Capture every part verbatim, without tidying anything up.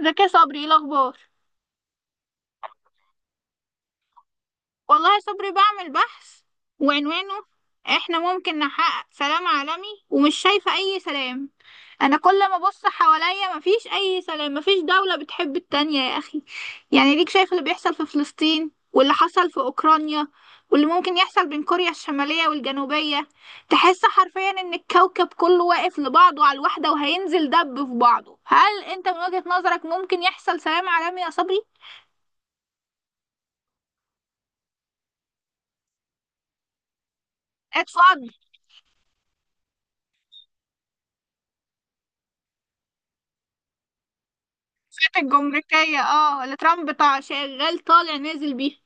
ازيك يا صبري؟ ايه الاخبار؟ والله يا صبري بعمل بحث وعنوانه: احنا ممكن نحقق سلام عالمي ومش شايفة اي سلام. انا كل ما ابص حواليا مفيش اي سلام، مفيش دولة بتحب التانية يا اخي. يعني ليك شايف اللي بيحصل في فلسطين واللي حصل في اوكرانيا واللي ممكن يحصل بين كوريا الشمالية والجنوبية. تحس حرفيا ان الكوكب كله واقف لبعضه على الوحدة وهينزل دب في بعضه. هل انت من وجهة نظرك ممكن يحصل سلام عالمي يا صبري؟ اتفضل. الجمركية اه، اللي ترامب طالع شغال طالع نازل بيها.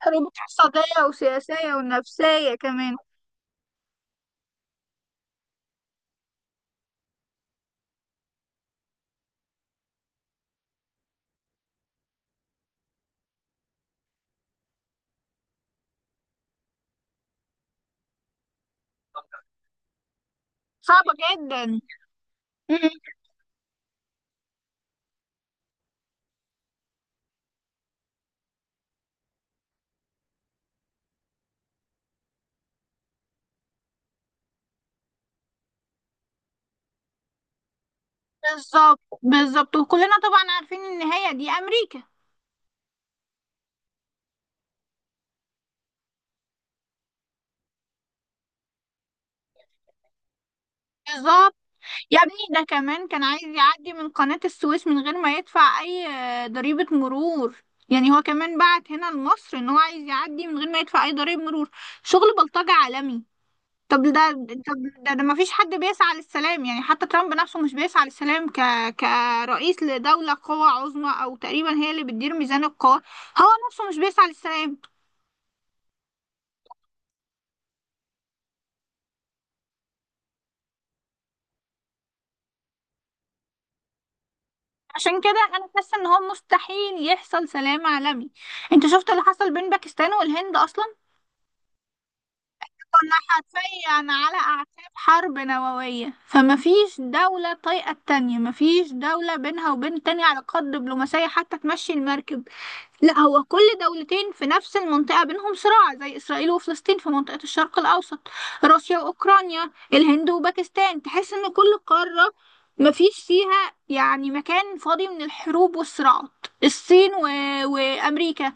حروب اقتصادية وسياسية ونفسية كمان. صعبة جدا. مم. بالظبط بالظبط، وكلنا طبعا عارفين النهاية دي أمريكا. بالظبط. يا ابني ده كمان كان عايز يعدي من قناة السويس من غير ما يدفع أي آه، ضريبة مرور. يعني هو كمان بعت هنا لمصر إن هو عايز يعدي من غير ما يدفع أي ضريبة مرور. شغل بلطجة عالمي. طب ده، طب ده, ده ما فيش حد بيسعى للسلام، يعني حتى ترامب نفسه مش بيسعى للسلام ك كرئيس لدولة قوى عظمى او تقريبا هي اللي بتدير ميزان القوى، هو نفسه مش بيسعى للسلام. عشان كده انا حاسة ان هو مستحيل يحصل سلام عالمي. انت شفت اللي حصل بين باكستان والهند اصلا؟ كنا حرفيا على اعتاب حرب نووية، فما فيش دولة طايقة التانية، ما فيش دولة بينها وبين التانية على قد دبلوماسية حتى تمشي المركب. لا، هو كل دولتين في نفس المنطقة بينهم صراع، زي إسرائيل وفلسطين في منطقة الشرق الأوسط، روسيا وأوكرانيا، الهند وباكستان. تحس إن كل قارة مفيش فيها يعني مكان فاضي من الحروب والصراعات. الصين و... وأمريكا.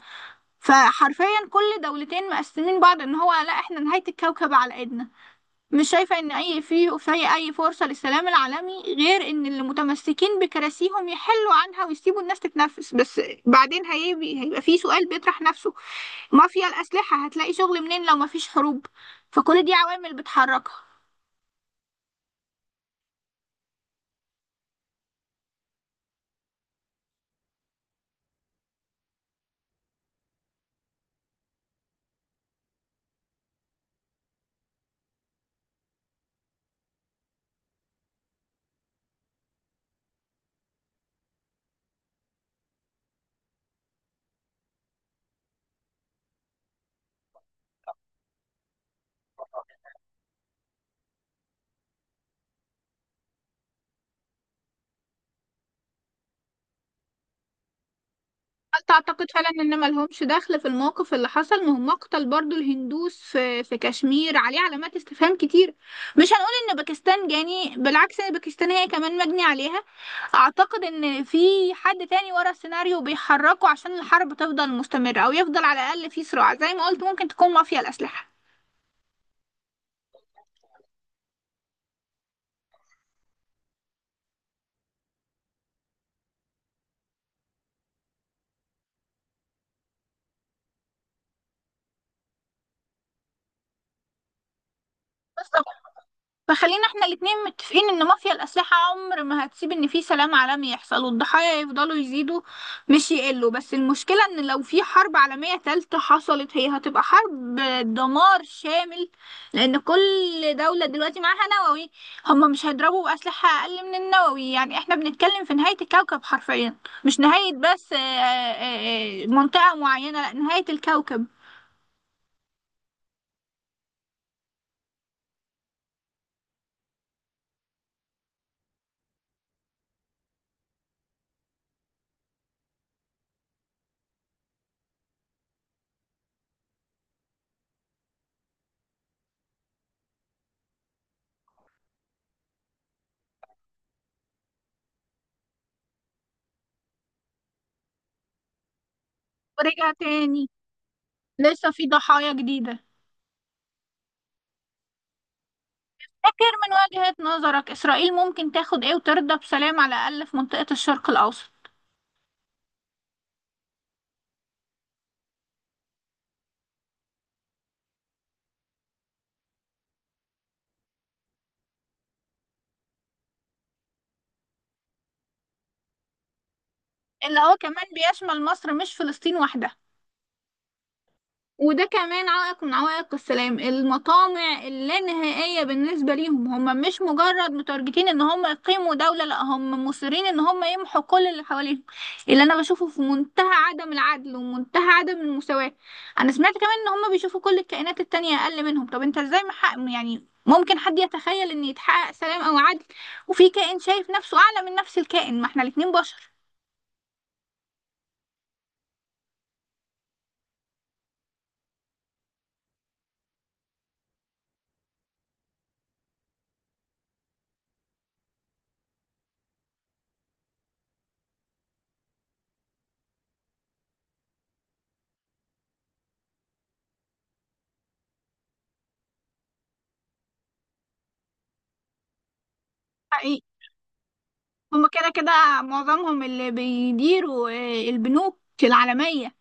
فحرفيا كل دولتين مقسمين بعض، إن هو لا إحنا نهاية الكوكب على إيدنا. مش شايفة إن أي في في أي فرصة للسلام العالمي غير إن اللي متمسكين بكراسيهم يحلوا عنها ويسيبوا الناس تتنفس بس. بعدين هيبي هيبقى في سؤال بيطرح نفسه: مافيا الأسلحة هتلاقي شغل منين لو مفيش حروب؟ فكل دي عوامل بتحركها. هل تعتقد فعلا ان ملهمش دخل في الموقف اللي حصل؟ ما هم قتل برضو الهندوس في في كشمير، عليه علامات استفهام كتير. مش هنقول ان باكستان جاني، بالعكس ان باكستان هي كمان مجني عليها. اعتقد ان في حد تاني ورا السيناريو بيحركه عشان الحرب تفضل مستمرة او يفضل على الاقل في صراع، زي ما قلت ممكن تكون مافيا الاسلحة. فخلينا احنا الاتنين متفقين ان مافيا الأسلحة عمر ما هتسيب ان في سلام عالمي يحصل، والضحايا يفضلوا يزيدوا مش يقلوا. بس المشكلة ان لو في حرب عالمية تالتة حصلت، هي هتبقى حرب دمار شامل، لان كل دولة دلوقتي معاها نووي. هم مش هيضربوا بأسلحة اقل من النووي، يعني احنا بنتكلم في نهاية الكوكب حرفيا. مش نهاية بس آه، آه، آه، منطقة معينة، لا نهاية الكوكب. ورجع تاني. لسه في ضحايا جديدة. فاكر من وجهة نظرك إسرائيل ممكن تاخد إيه وترضى بسلام على الأقل في منطقة الشرق الأوسط؟ اللي هو كمان بيشمل مصر، مش فلسطين وحدها. وده كمان عائق من عوائق السلام: المطامع اللانهائية بالنسبة ليهم. هم مش مجرد متارجتين ان هم يقيموا دولة، لا هم مصرين ان هم يمحوا كل اللي حواليهم. اللي انا بشوفه في منتهى عدم العدل ومنتهى عدم المساواة. انا سمعت كمان ان هم بيشوفوا كل الكائنات التانية اقل منهم. طب انت ازاي محقق، يعني ممكن حد يتخيل ان يتحقق سلام او عدل وفي كائن شايف نفسه اعلى من نفس الكائن؟ ما احنا الاتنين بشر. حقيقي. هما كده كده معظمهم اللي بيديروا آه، البنوك العالمية.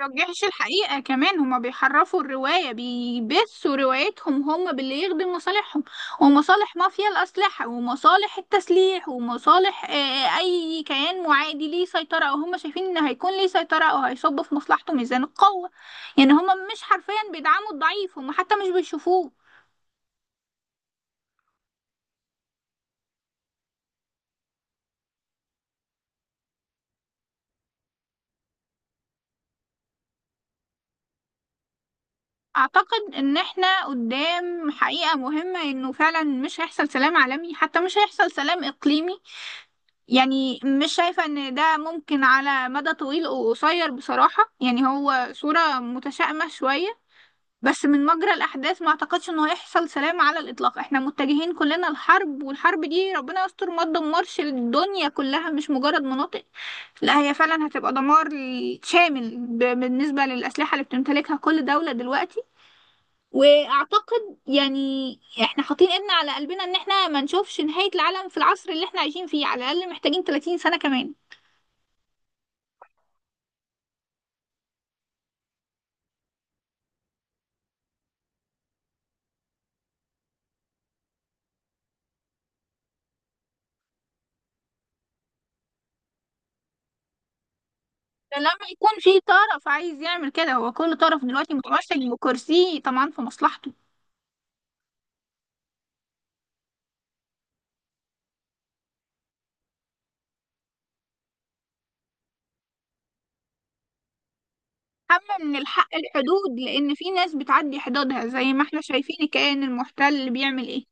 مبيوجهش الحقيقة، كمان هما بيحرفوا الرواية، بيبثوا روايتهم هما باللي يخدم مصالحهم ومصالح مافيا الأسلحة ومصالح التسليح ومصالح آه، أي كيان معادي ليه سيطرة أو هما شايفين إن هيكون ليه سيطرة أو هيصب في مصلحته ميزان القوة. يعني هما مش حرفيا بيدعموا الضعيف، هما حتى مش بيشوفوه. أعتقد إن إحنا قدام حقيقة مهمة، إنه فعلا مش هيحصل سلام عالمي، حتى مش هيحصل سلام إقليمي. يعني مش شايفة إن ده ممكن على مدى طويل وقصير بصراحة. يعني هو صورة متشائمة شوية، بس من مجرى الأحداث ما أعتقدش إنه هيحصل سلام على الإطلاق. إحنا متجهين كلنا لحرب، والحرب دي ربنا يستر ما تدمرش الدنيا كلها، مش مجرد مناطق. لا هي فعلا هتبقى دمار شامل ب- بالنسبة للأسلحة اللي بتمتلكها كل دولة دلوقتي. واعتقد يعني احنا حاطين ايدنا على قلبنا ان احنا ما نشوفش نهاية العالم في العصر اللي احنا عايشين فيه، على الاقل محتاجين ثلاثين سنة كمان. لما يكون في طرف عايز يعمل كده. هو كل طرف دلوقتي متمسك بكرسيه طبعا في مصلحته. أما من الحق الحدود، لأن في ناس بتعدي حدودها زي ما احنا شايفين الكيان المحتل بيعمل ايه.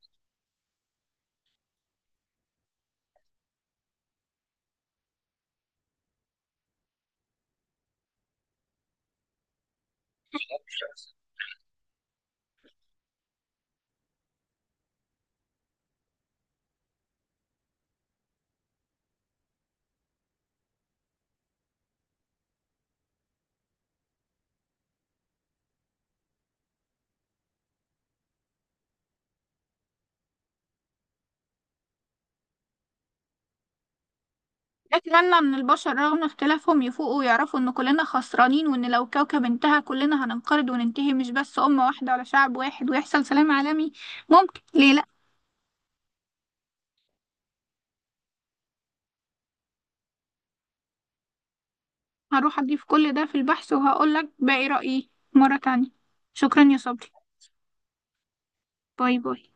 أتمنى من البشر رغم اختلافهم يفوقوا ويعرفوا إن كلنا خسرانين، وإن لو كوكب انتهى كلنا هننقرض وننتهي، مش بس أمة واحدة ولا شعب واحد، ويحصل سلام عالمي. ممكن، ليه لأ؟ هروح أضيف كل ده في البحث وهقولك باقي رأيي مرة تانية. شكرا يا صبري. باي باي.